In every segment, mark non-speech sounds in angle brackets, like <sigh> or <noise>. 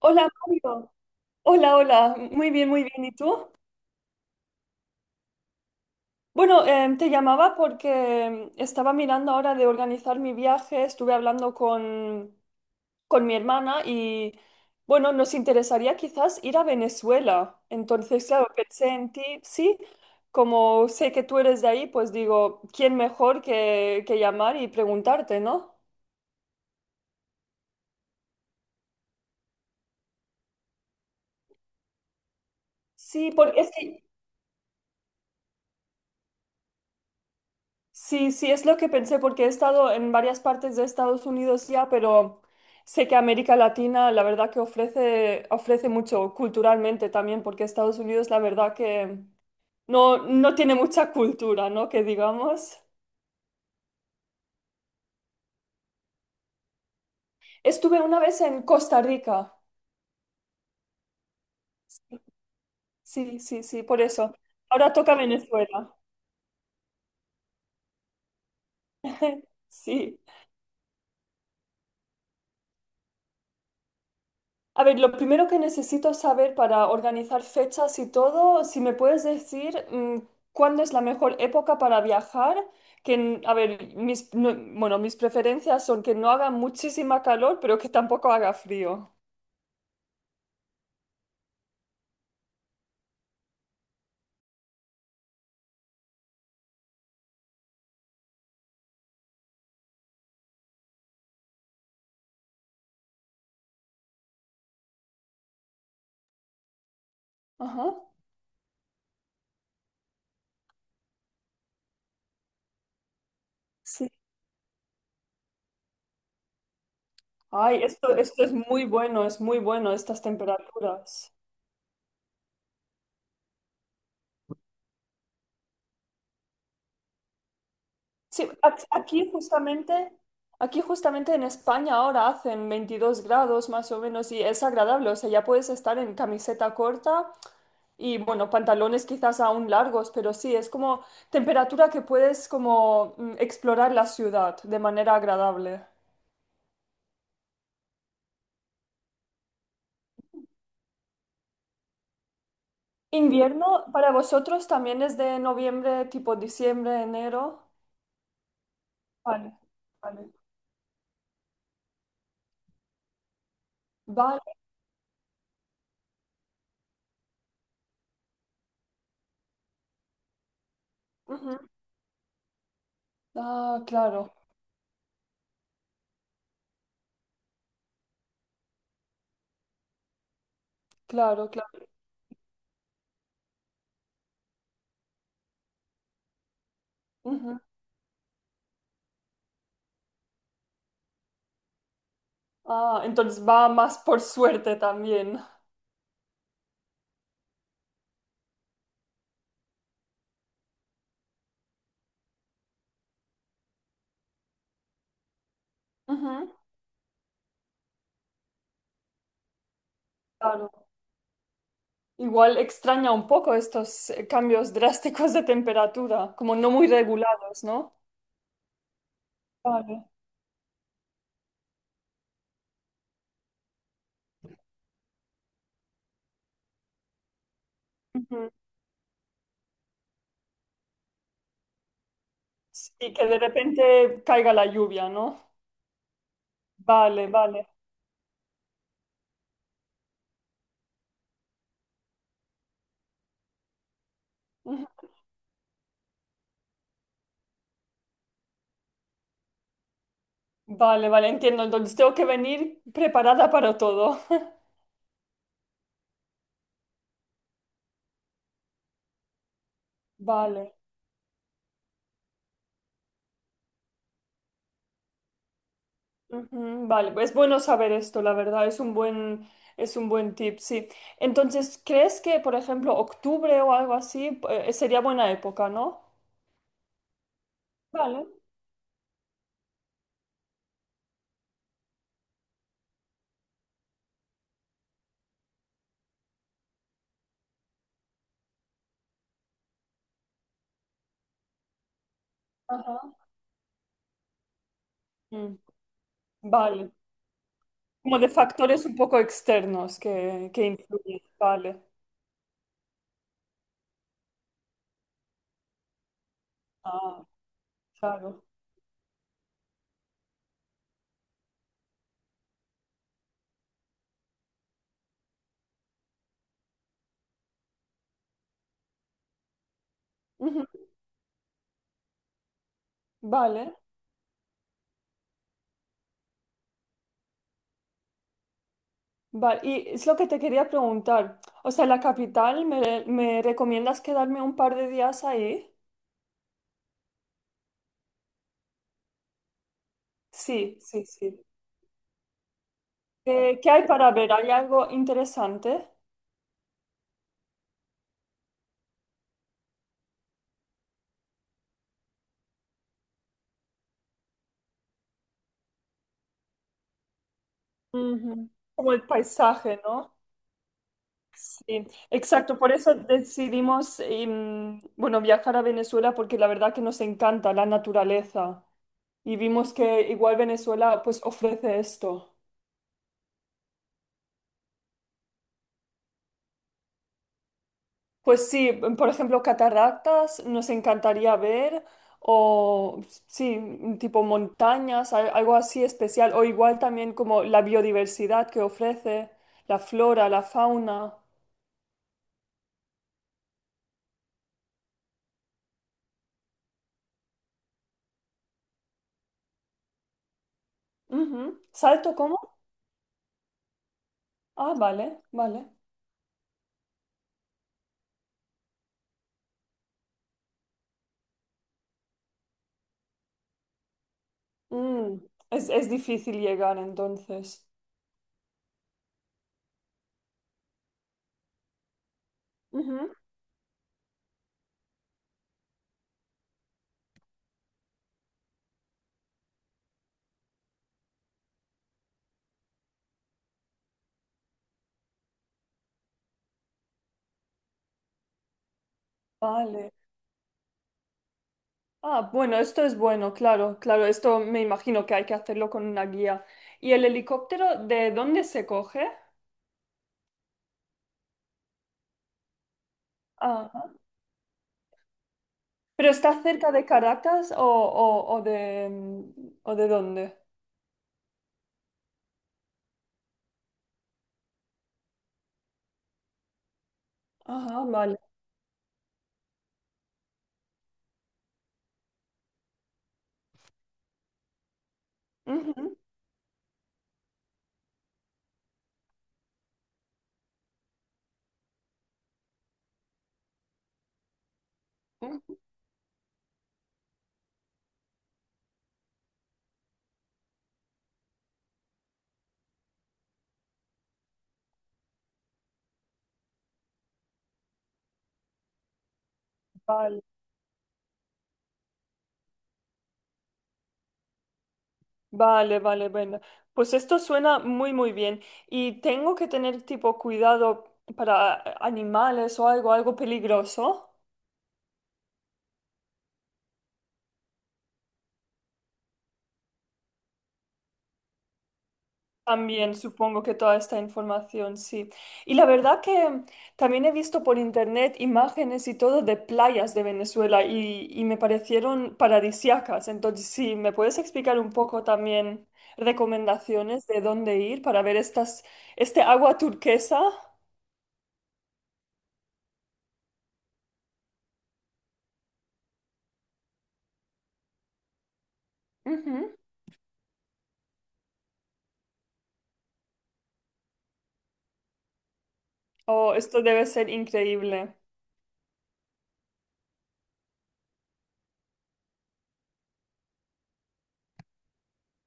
Hola Mario, hola, hola, muy bien, muy bien. ¿Y tú? Bueno, te llamaba porque estaba mirando ahora de organizar mi viaje, estuve hablando con mi hermana y bueno, nos interesaría quizás ir a Venezuela. Entonces, claro, pensé en ti, sí, como sé que tú eres de ahí, pues digo, ¿quién mejor que llamar y preguntarte, no? Sí, porque es que. Sí, sí, es lo que pensé porque he estado en varias partes de Estados Unidos ya, pero sé que América Latina la verdad que ofrece, ofrece mucho culturalmente también, porque Estados Unidos la verdad que no tiene mucha cultura, ¿no? Que digamos. Estuve una vez en Costa Rica. Sí, sí, sí, por eso. Ahora toca Venezuela. Sí. A ver, lo primero que necesito saber para organizar fechas y todo, si me puedes decir cuándo es la mejor época para viajar, a ver, mis, no- bueno, mis preferencias son que no haga muchísima calor, pero que tampoco haga frío. Ajá. Sí. Ay, esto es muy bueno, estas temperaturas. Sí, aquí justamente en España ahora hacen 22 grados más o menos y es agradable, o sea, ya puedes estar en camiseta corta. Y bueno, pantalones quizás aún largos, pero sí, es como temperatura que puedes como explorar la ciudad de manera agradable. ¿Invierno para vosotros también es de noviembre, tipo diciembre, enero? Vale, vale. Vale. Ujú. Ah, claro, claro, claro. Ujú. Ah, entonces va más por suerte también. Ujú. Claro. Igual extraña un poco estos cambios drásticos de temperatura, como no muy regulados, ¿no? Vale. Y que de repente caiga la lluvia, ¿no? Vale, vale. Ujú. Vale, vale, entiendo. Entonces tengo que venir preparada para todo. <laughs> Vale. Ujú. Vale, pues es bueno saber esto, la verdad, es un buen tip, sí. Entonces, ¿crees que, por ejemplo, octubre o algo así, sería buena época, no? Vale. Ajá. Mm. Vale. Como de factores un poco externos que influyen. Vale. Ah, claro. Ujú. Vale. Vale, y es lo que te quería preguntar. O sea, la capital, ¿me, me recomiendas quedarme un par de días ahí? Sí, sí, sí. ¿Qué hay para ver? ¿Hay algo interesante? Ujú. Como el paisaje, ¿no? Sí, exacto. Por eso decidimos, bueno, viajar a Venezuela porque la verdad que nos encanta la naturaleza y vimos que igual Venezuela pues ofrece esto. Pues sí, por ejemplo, cataractas nos encantaría ver, o sí, tipo montañas, algo así especial, o igual también como la biodiversidad que ofrece, la flora, la fauna. Ujú. ¿Salto cómo? Ah, vale, vale. Mm. Es difícil llegar entonces. Ujú. Vale. Ah, bueno, esto es bueno, claro, claro, esto me imagino que hay que hacerlo con una guía. ¿Y el helicóptero de dónde se coge? ¿Pero está cerca de Caracas o de dónde? Ajá, vale. Ujú, ujú. Vale, vale, vale, bueno. Pues esto suena muy, muy bien. Y tengo que tener tipo cuidado para animales o algo, algo peligroso. También supongo que toda esta información, sí. Y la verdad que también he visto por internet imágenes y todo de playas de Venezuela y me parecieron paradisíacas. Entonces, sí, ¿me puedes explicar un poco también recomendaciones de dónde ir para ver estas, este agua turquesa? Ujú. Oh, esto debe ser increíble.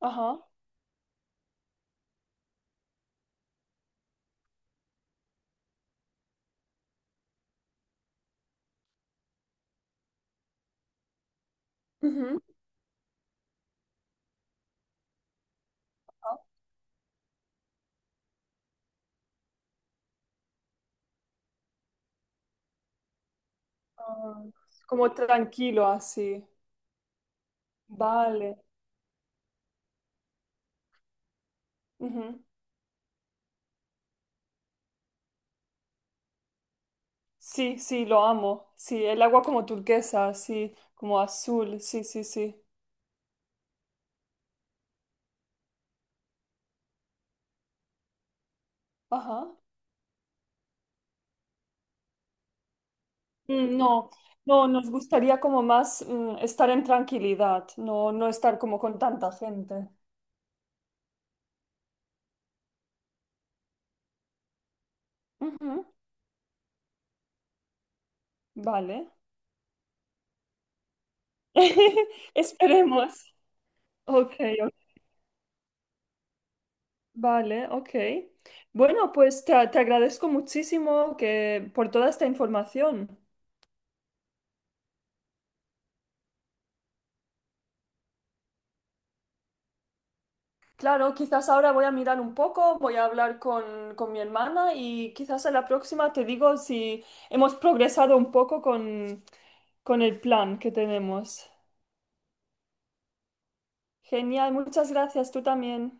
Ajá. Ujú. Ah, ah, como tranquilo así. Vale. Sí, sí, lo amo. Sí, el agua como turquesa, sí, como azul, sí, sí, sí. Ajá. Mm. No, no, nos gustaría como más estar en tranquilidad, no, no estar como con tanta gente. Ujú. Vale. <laughs> Esperemos. Ok, ok. Vale, ok. Bueno, pues te agradezco muchísimo por toda esta información. Claro, quizás ahora voy a mirar un poco, voy a hablar con mi hermana y quizás a la próxima te digo si hemos progresado un poco con el plan que tenemos. Genial, muchas gracias, tú también.